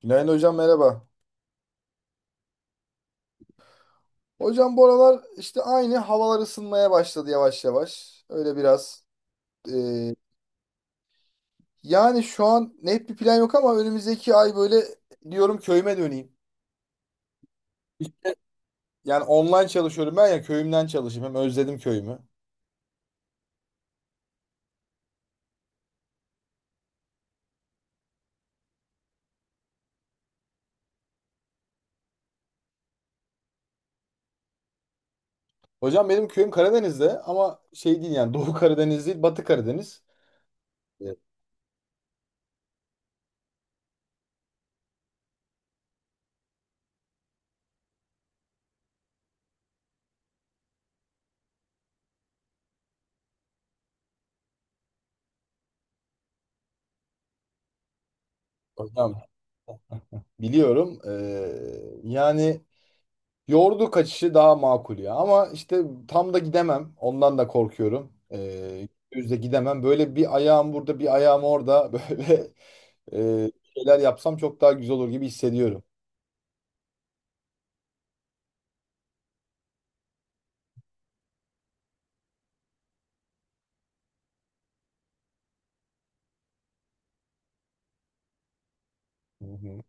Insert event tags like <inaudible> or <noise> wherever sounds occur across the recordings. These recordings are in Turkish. Günaydın hocam, merhaba. Hocam bu aralar işte aynı havalar ısınmaya başladı yavaş yavaş. Öyle biraz. e, Yani şu an net bir plan yok ama önümüzdeki ay böyle diyorum, köyüme döneyim. İşte yani online çalışıyorum, ben ya köyümden çalışayım. Hem özledim köyümü. Hocam benim köyüm Karadeniz'de ama şey değil, yani Doğu Karadeniz değil, Batı Karadeniz. Evet. Hocam biliyorum. Yani yoğurdu kaçışı daha makul ya. Ama işte tam da gidemem. Ondan da korkuyorum. Yüzde gidemem. Böyle bir ayağım burada, bir ayağım orada. <laughs> Böyle şeyler yapsam çok daha güzel olur gibi hissediyorum. Hı hı.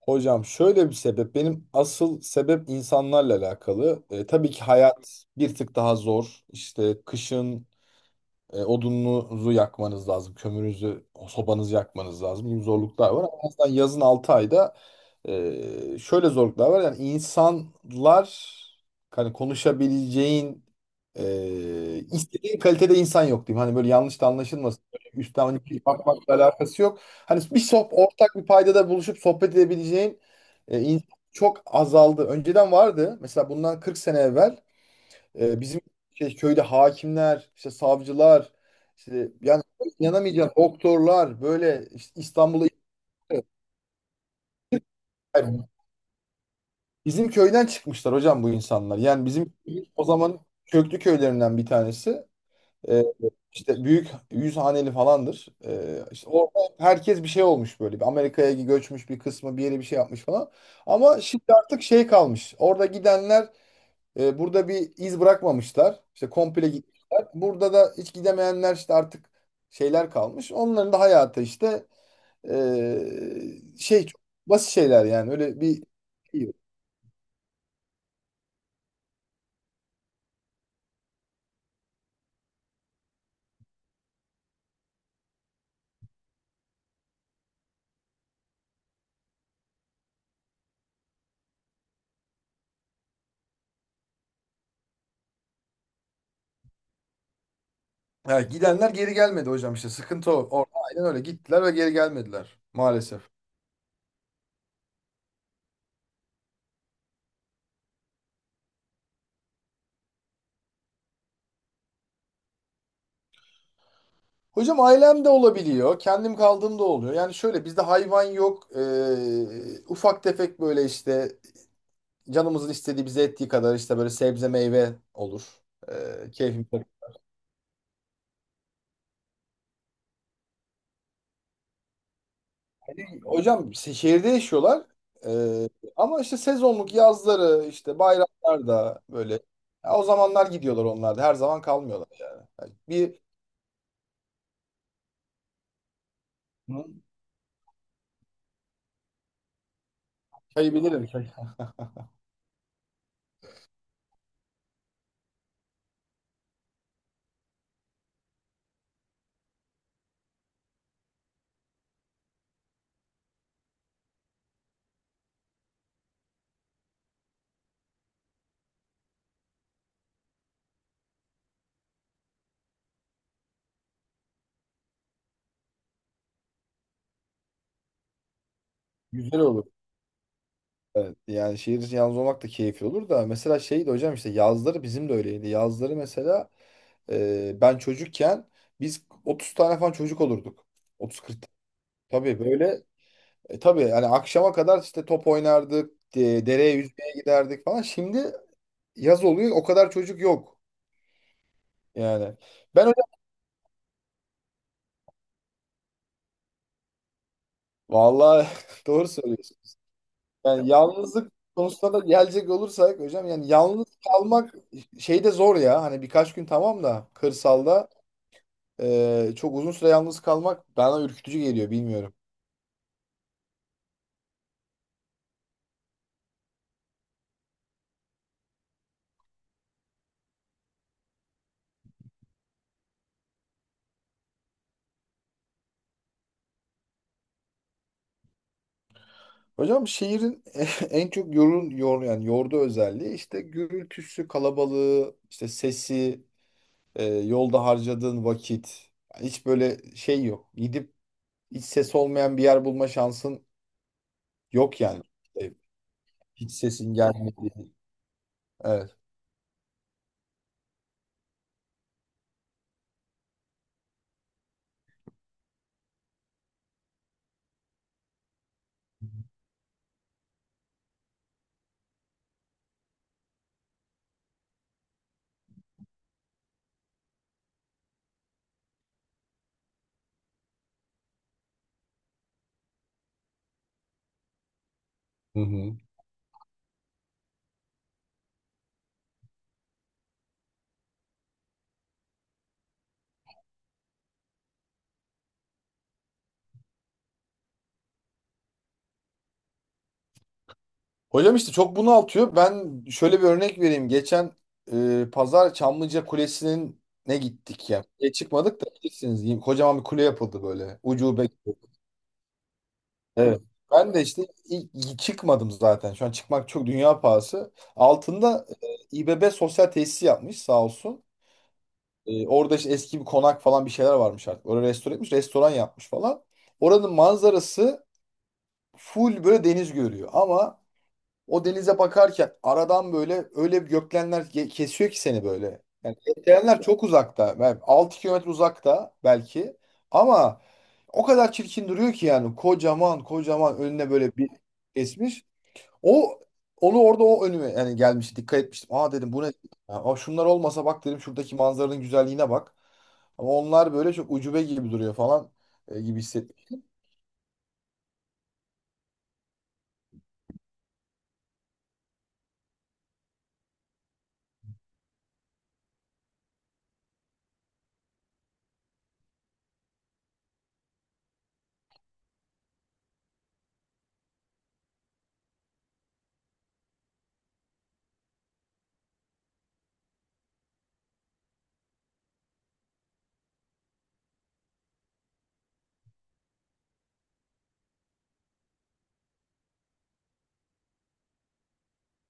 Hocam şöyle bir sebep. Benim asıl sebep insanlarla alakalı. E, tabii ki hayat bir tık daha zor. İşte kışın odununuzu yakmanız lazım. Kömürünüzü, sobanızı yakmanız lazım gibi zorluklar var. Ama aslında yazın 6 ayda şöyle zorluklar var. Yani insanlar hani konuşabileceğin, istediğin kalitede insan yok diyeyim. Hani böyle yanlış da anlaşılmasın. Böyle üstten hani bir bakmakla alakası yok. Hani bir sohbet, ortak bir paydada buluşup sohbet edebileceğin insan çok azaldı. Önceden vardı. Mesela bundan 40 sene evvel bizim köyde hakimler, işte savcılar, işte yani inanamayacağın doktorlar, böyle işte İstanbul'a bizim köyden çıkmışlar hocam bu insanlar. Yani bizim o zaman köklü köylerinden bir tanesi. E, işte büyük, 100 haneli falandır. E, işte orada herkes bir şey olmuş böyle. Bir Amerika'ya göçmüş, bir kısmı bir yere bir şey yapmış falan. Ama şimdi artık şey kalmış. Orada gidenler burada bir iz bırakmamışlar. İşte komple gitmişler. Burada da hiç gidemeyenler işte artık şeyler kalmış. Onların da hayatı işte çok basit şeyler yani. Öyle bir. Ha, gidenler geri gelmedi hocam, işte sıkıntı o. Orada aynen öyle gittiler ve geri gelmediler maalesef. Hocam ailem de olabiliyor. Kendim kaldığım da oluyor. Yani şöyle, bizde hayvan yok. E, ufak tefek böyle işte canımızın istediği, bize ettiği kadar işte böyle sebze meyve olur. E, keyfim. Hocam şehirde yaşıyorlar. Ee, Ama işte sezonluk, yazları, işte bayramlarda böyle. Ya o zamanlar gidiyorlar onlar da. Her zaman kalmıyorlar. Yani bir kaybederim. Güzel olur. Evet, yani şehir içi yalnız olmak da keyifli olur da. Mesela şeydi hocam, işte yazları bizim de öyleydi. Yazları mesela ben çocukken biz 30 tane falan çocuk olurduk. 30-40. Tabii böyle tabii yani akşama kadar işte top oynardık. Dereye yüzmeye giderdik falan. Şimdi yaz oluyor, o kadar çocuk yok. Yani ben hocam vallahi <laughs> doğru söylüyorsun. Yani yalnızlık konusuna da gelecek olursak hocam, yani yalnız kalmak şeyde zor ya. Hani birkaç gün tamam da kırsalda çok uzun süre yalnız kalmak bana ürkütücü geliyor, bilmiyorum. Hocam şehrin <laughs> en çok yorun yor yani yorduğu özelliği işte gürültüsü, kalabalığı, işte sesi, yolda harcadığın vakit. Hiç böyle şey yok. Gidip hiç ses olmayan bir yer bulma şansın yok yani. E, hiç sesin gelmedi. Evet. Hı hı. Hocam işte çok bunaltıyor. Ben şöyle bir örnek vereyim. Geçen pazar Çamlıca Kulesi'nin ne gittik ya. E, çıkmadık da bilirsiniz. Yine kocaman bir kule yapıldı böyle. Ucube gibi. Evet. Ben de işte ilk çıkmadım zaten. Şu an çıkmak çok dünya pahası. Altında İBB sosyal tesisi yapmış sağ olsun. E, orada işte eski bir konak falan bir şeyler varmış artık. Orayı restore etmiş. Restoran yapmış falan. Oranın manzarası full böyle deniz görüyor. Ama o denize bakarken aradan böyle öyle bir gökdelenler kesiyor ki seni böyle. Yani gökdelenler çok uzakta. Yani 6 kilometre uzakta belki. Ama o kadar çirkin duruyor ki, yani kocaman kocaman önüne böyle bir kesmiş. O onu orada, o önüme yani gelmişti, dikkat etmiştim. "Aa," dedim, "bu ne? Ya, aa, şunlar olmasa," bak dedim, "şuradaki manzaranın güzelliğine bak. Ama onlar böyle çok ucube gibi duruyor falan" gibi hissettim.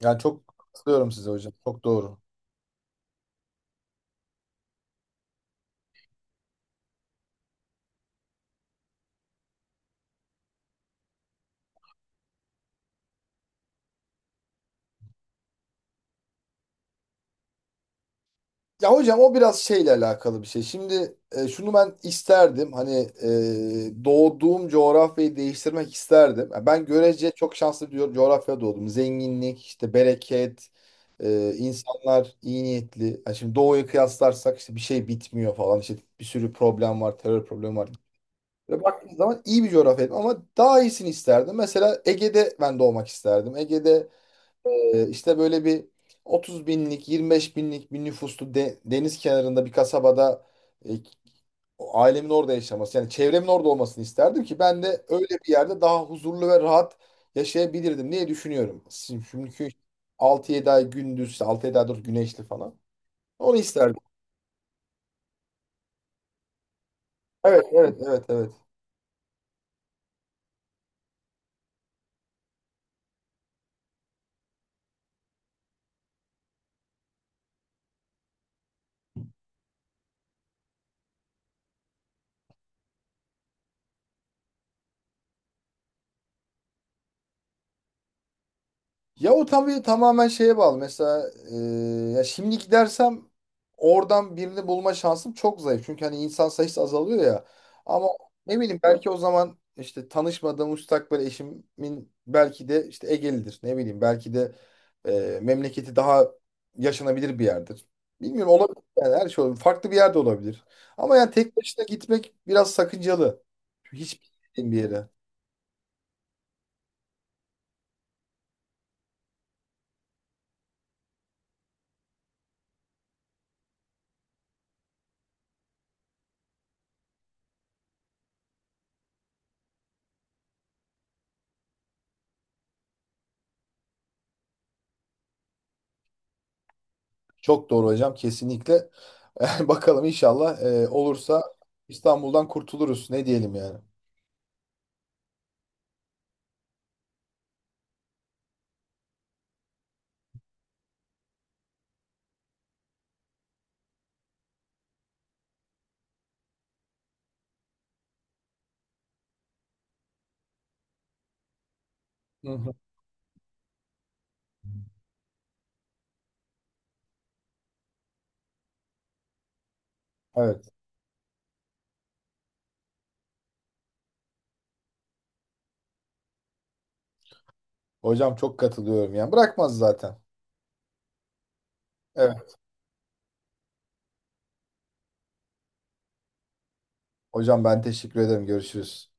Yani çok katılıyorum size hocam. Çok doğru. Ya hocam o biraz şeyle alakalı bir şey. Şimdi şunu ben isterdim. Hani doğduğum coğrafyayı değiştirmek isterdim. Ya ben görece çok şanslı bir coğrafyada doğdum. Zenginlik, işte bereket, insanlar iyi niyetli. Ya şimdi doğuyu kıyaslarsak işte bir şey bitmiyor falan. İşte bir sürü problem var, terör problemi var. Ve baktığınız zaman iyi bir coğrafyaydım ama daha iyisini isterdim. Mesela Ege'de ben doğmak isterdim. Ege'de İşte böyle bir 30 binlik, 25 binlik bir nüfuslu deniz kenarında bir kasabada e, o ailemin orada yaşaması, yani çevremin orada olmasını isterdim ki ben de öyle bir yerde daha huzurlu ve rahat yaşayabilirdim diye düşünüyorum. Şimdi çünkü 6 7 ay gündüz, işte altı yedi 7 ay dur güneşli falan. Onu isterdim. Evet, evet, evet, evet. Ya o tabii tamamen şeye bağlı. Mesela ya şimdi gidersem oradan birini bulma şansım çok zayıf. Çünkü hani insan sayısı azalıyor ya. Ama ne bileyim, belki o zaman işte tanışmadığım müstakbel eşimin belki de işte Egelidir. Ne bileyim, belki de memleketi daha yaşanabilir bir yerdir. Bilmiyorum, olabilir yani, her şey olabilir. Farklı bir yerde olabilir. Ama yani tek başına gitmek biraz sakıncalı. Hiç bilmediğim bir yere. Çok doğru hocam, kesinlikle. <laughs> Bakalım inşallah olursa İstanbul'dan kurtuluruz. Ne diyelim yani. Hı hı. Evet. Hocam çok katılıyorum yani. Bırakmaz zaten. Evet. Hocam ben teşekkür ederim. Görüşürüz.